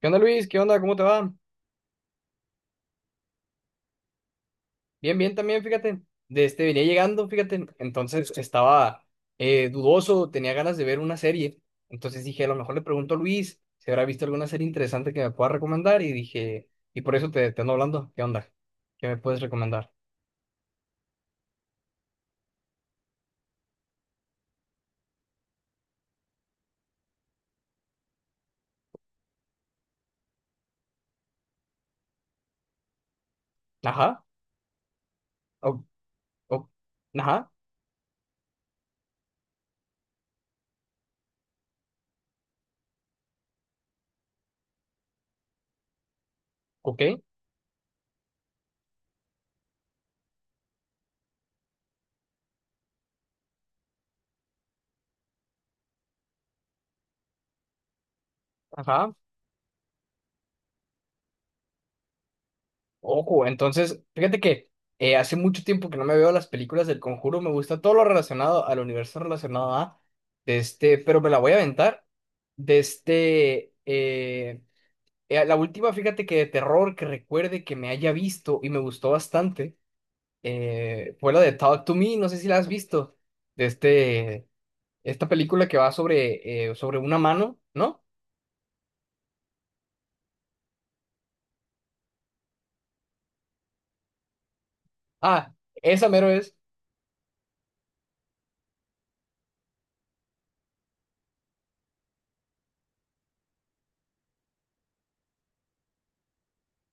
¿Qué onda, Luis? ¿Qué onda? ¿Cómo te va? Bien, bien también, fíjate. De este venía llegando, fíjate. Entonces estaba dudoso, tenía ganas de ver una serie. Entonces dije, a lo mejor le pregunto a Luis si habrá visto alguna serie interesante que me pueda recomendar. Y dije, y por eso te ando hablando. ¿Qué onda? ¿Qué me puedes recomendar? Ajá. o- o- ajá. Ok. Ajá. Ojo, entonces, fíjate que hace mucho tiempo que no me veo las películas del Conjuro, me gusta todo lo relacionado al universo relacionado a, de este, pero me la voy a aventar. De este, la última, fíjate que de terror que recuerde que me haya visto y me gustó bastante, fue la de Talk to Me, no sé si la has visto, de este, esta película que va sobre, sobre una mano, ¿no? Ah, esa mero es,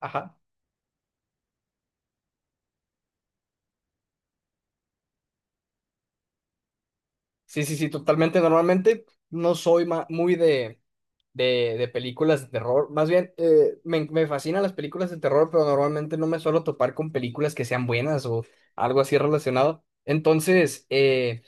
ajá. Sí, sí, sí, totalmente. Normalmente no soy muy de películas de terror. Más bien, me fascinan las películas de terror, pero normalmente no me suelo topar con películas que sean buenas o algo así relacionado. Entonces,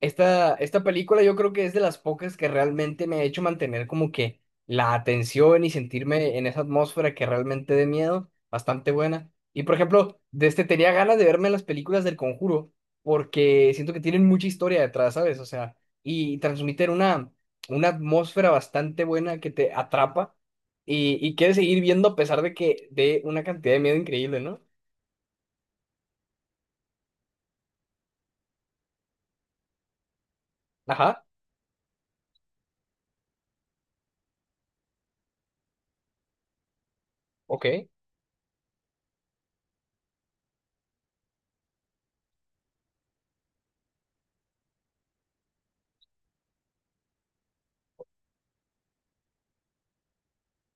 esta película yo creo que es de las pocas que realmente me ha hecho mantener como que la atención y sentirme en esa atmósfera que realmente de miedo, bastante buena. Y por ejemplo, de este tenía ganas de verme las películas del Conjuro porque siento que tienen mucha historia detrás, ¿sabes? O sea, y transmiten una atmósfera bastante buena que te atrapa y quieres seguir viendo a pesar de que de una cantidad de miedo increíble, ¿no? Ajá, ok,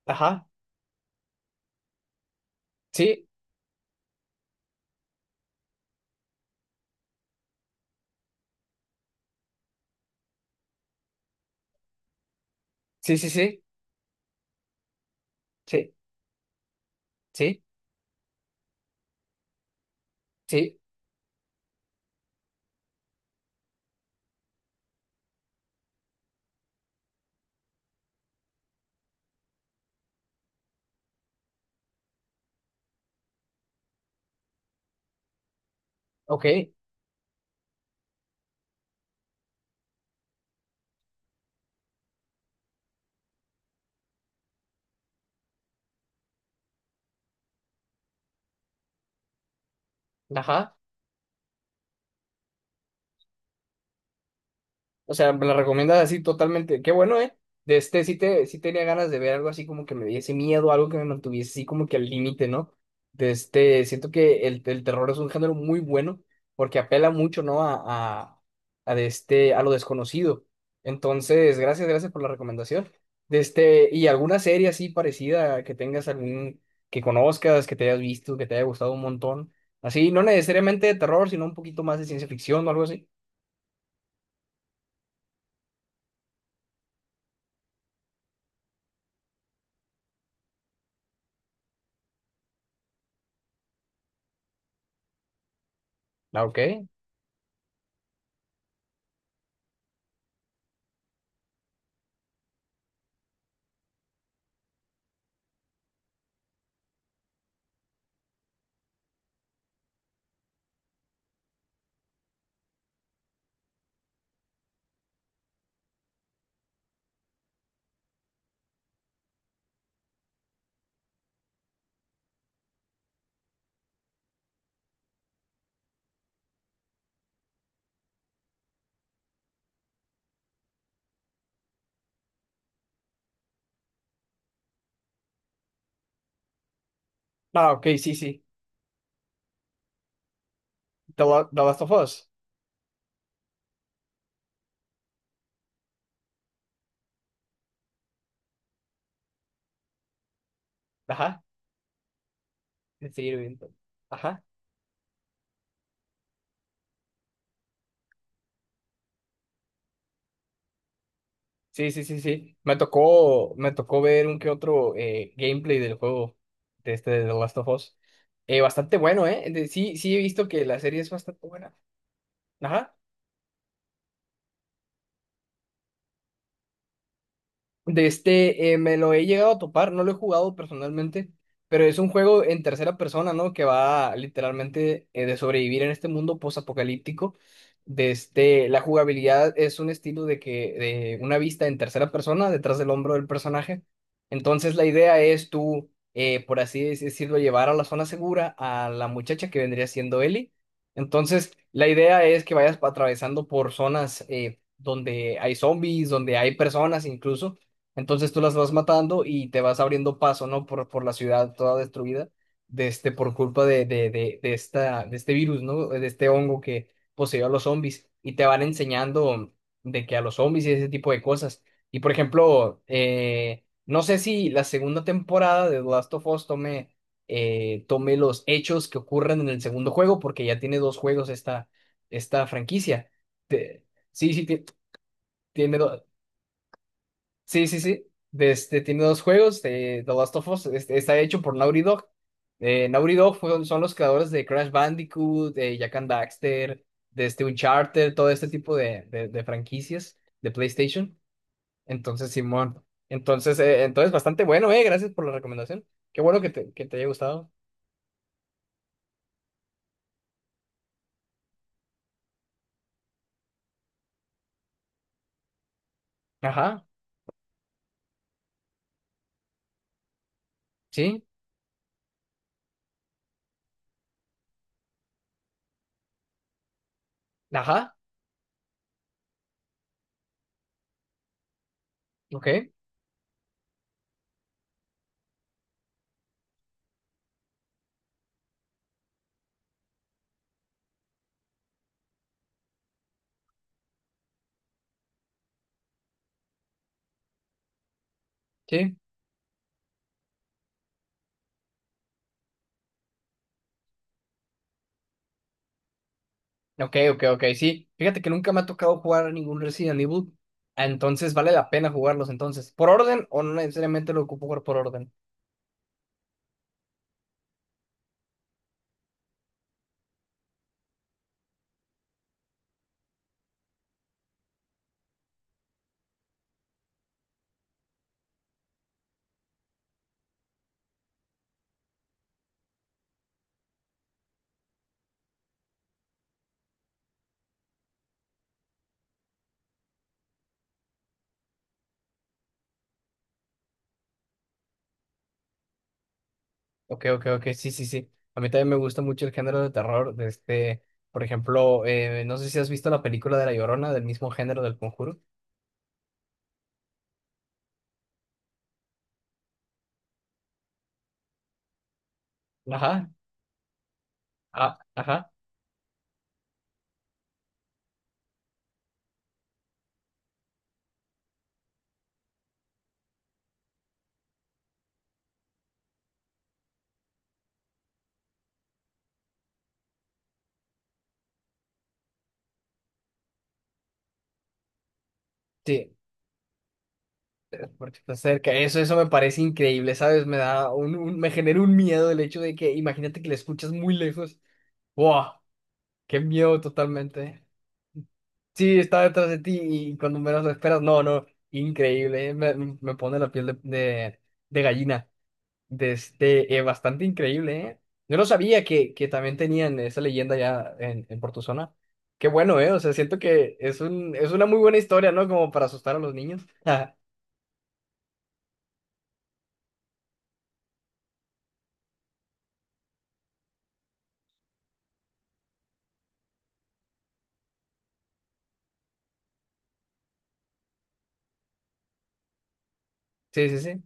ajá, sí, sí, sí, sí, sí, sí. Sí, ok, ajá. O sea, me la recomiendas así totalmente. Qué bueno, ¿eh? De este sí, te, sí tenía ganas de ver algo así como que me diese miedo, algo que me mantuviese así como que al límite, ¿no? De este, siento que el terror es un género muy bueno porque apela mucho, ¿no? A, a de este, a lo desconocido. Entonces, gracias, gracias por la recomendación. De este, y alguna serie así parecida que tengas algún, que conozcas, que te hayas visto, que te haya gustado un montón. Así, no necesariamente de terror, sino un poquito más de ciencia ficción o algo así. Ah, ok. Ah, ok, sí, sí. The Last of Us. Ajá. De seguir viendo. Ajá. Sí, sí, sí, sí. Me tocó ver un que otro gameplay del juego de este de The Last of Us. Bastante bueno, ¿eh? De- sí, sí he visto que la serie es bastante buena. Ajá. De este, me lo he llegado a topar, no lo he jugado personalmente, pero es un juego en tercera persona, ¿no? Que va literalmente de sobrevivir en este mundo post-apocalíptico. De este, la jugabilidad es un estilo de una vista en tercera persona, detrás del hombro del personaje. Entonces la idea es tú, por así decirlo, llevar a la zona segura a la muchacha que vendría siendo Ellie. Entonces la idea es que vayas atravesando por zonas donde hay zombies, donde hay personas incluso entonces tú las vas matando y te vas abriendo paso, ¿no? Por la ciudad toda destruida, de este, por culpa de esta, de este virus, ¿no? De este hongo que poseyó a los zombies. Y te van enseñando de que a los zombies y ese tipo de cosas. Y por ejemplo, no sé si la segunda temporada de The Last of Us tome, tome los hechos que ocurren en el segundo juego, porque ya tiene dos juegos esta franquicia. Te- sí, sí, tiene dos. Sí, sí, sí. De este, tiene dos juegos de The Last of Us. Este, está hecho por Naughty Dog. Son los creadores de Crash Bandicoot, de Jak and Daxter, de este Uncharted, todo este tipo de franquicias de PlayStation. Entonces, Simón. Entonces, entonces bastante bueno, eh. Gracias por la recomendación. Qué bueno que te haya gustado. Ajá, sí, ajá, ok, sí. Ok, ok, ok, sí. Fíjate que nunca me ha tocado jugar a ningún Resident Evil. Entonces vale la pena jugarlos entonces. ¿Por orden o no necesariamente lo ocupo jugar por orden? Ok, ok, ok, sí, sí, sí. A mí también me gusta mucho el género de terror. De este, por ejemplo, no sé si has visto la película de La Llorona del mismo género del Conjuro. Ajá, ah, ajá. Sí, porque está cerca. Eso me parece increíble, ¿sabes? Me da un, me genera un miedo el hecho de que imagínate que la escuchas muy lejos. ¡Wow! ¡Qué miedo totalmente! Sí, está detrás de ti y cuando menos lo esperas, no, no, increíble, me pone la piel de gallina. De este, bastante increíble, ¿eh? Yo no sabía que también tenían esa leyenda ya en por tu zona. Qué bueno, ¿eh? O sea, siento que es un, es una muy buena historia, ¿no? Como para asustar a los niños. Sí, sí, sí.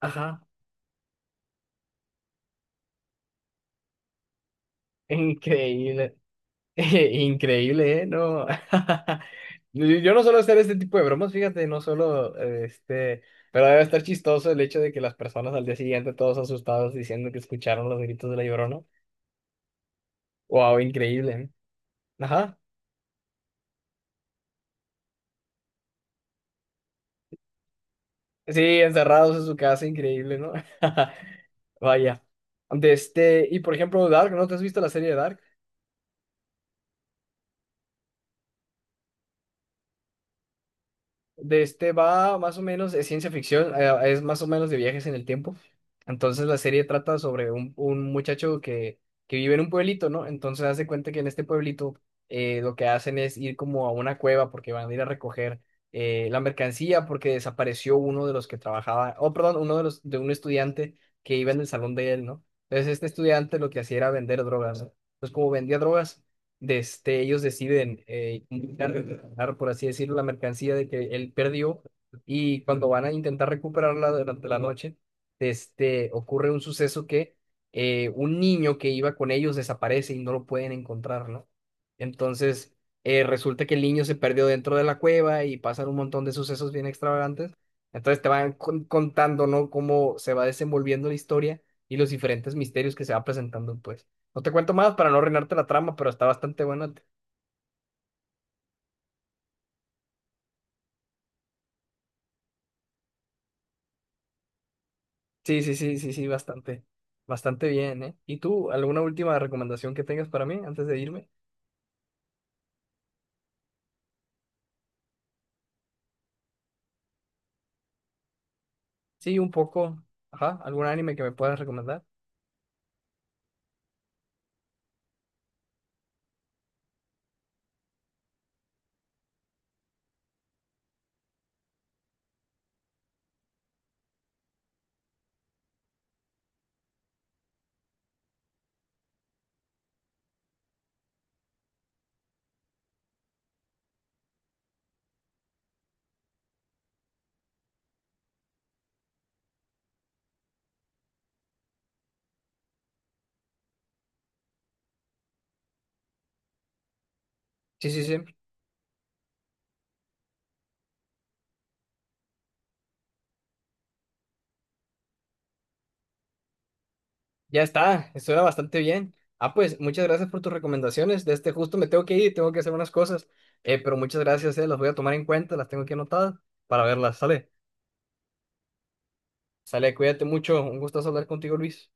Ajá. Increíble. Increíble, ¿eh? No. Yo no suelo hacer este tipo de bromas, fíjate, no solo este, pero debe estar chistoso el hecho de que las personas al día siguiente todos asustados diciendo que escucharon los gritos de la Llorona. Wow, increíble. ¿Eh? Ajá. Sí, encerrados en su casa, increíble, ¿no? Vaya. De este, y por ejemplo, Dark, ¿no te has visto la serie de Dark? De este va más o menos, es ciencia ficción, es más o menos de viajes en el tiempo. Entonces la serie trata sobre un muchacho que vive en un pueblito, ¿no? Entonces hace cuenta que en este pueblito lo que hacen es ir como a una cueva porque van a ir a recoger la mercancía porque desapareció uno de los que trabajaba, oh, perdón, uno de los de un estudiante que iba en el salón de él, ¿no? Entonces este estudiante lo que hacía era vender drogas, ¿no? Entonces como vendía drogas de este, ellos deciden intentar recuperar, por así decirlo, la mercancía de que él perdió y cuando van a intentar recuperarla durante la noche, este, ocurre un suceso que un niño que iba con ellos desaparece y no lo pueden encontrar, ¿no? Entonces, resulta que el niño se perdió dentro de la cueva y pasan un montón de sucesos bien extravagantes. Entonces te van contando, ¿no? Cómo se va desenvolviendo la historia y los diferentes misterios que se va presentando, pues. No te cuento más para no arruinarte la trama, pero está bastante buena. Sí, sí, sí, sí, sí, bastante. Bastante bien, ¿eh? ¿Y tú, alguna última recomendación que tengas para mí antes de irme? Sí, un poco. Ajá, ¿algún anime que me puedas recomendar? Sí, sí, sí. Ya está, estuvo bastante bien. Ah, pues muchas gracias por tus recomendaciones. De este justo me tengo que ir, tengo que hacer unas cosas. Pero muchas gracias, las voy a tomar en cuenta, las tengo aquí anotadas para verlas. Sale, sale, cuídate mucho. Un gusto hablar contigo, Luis.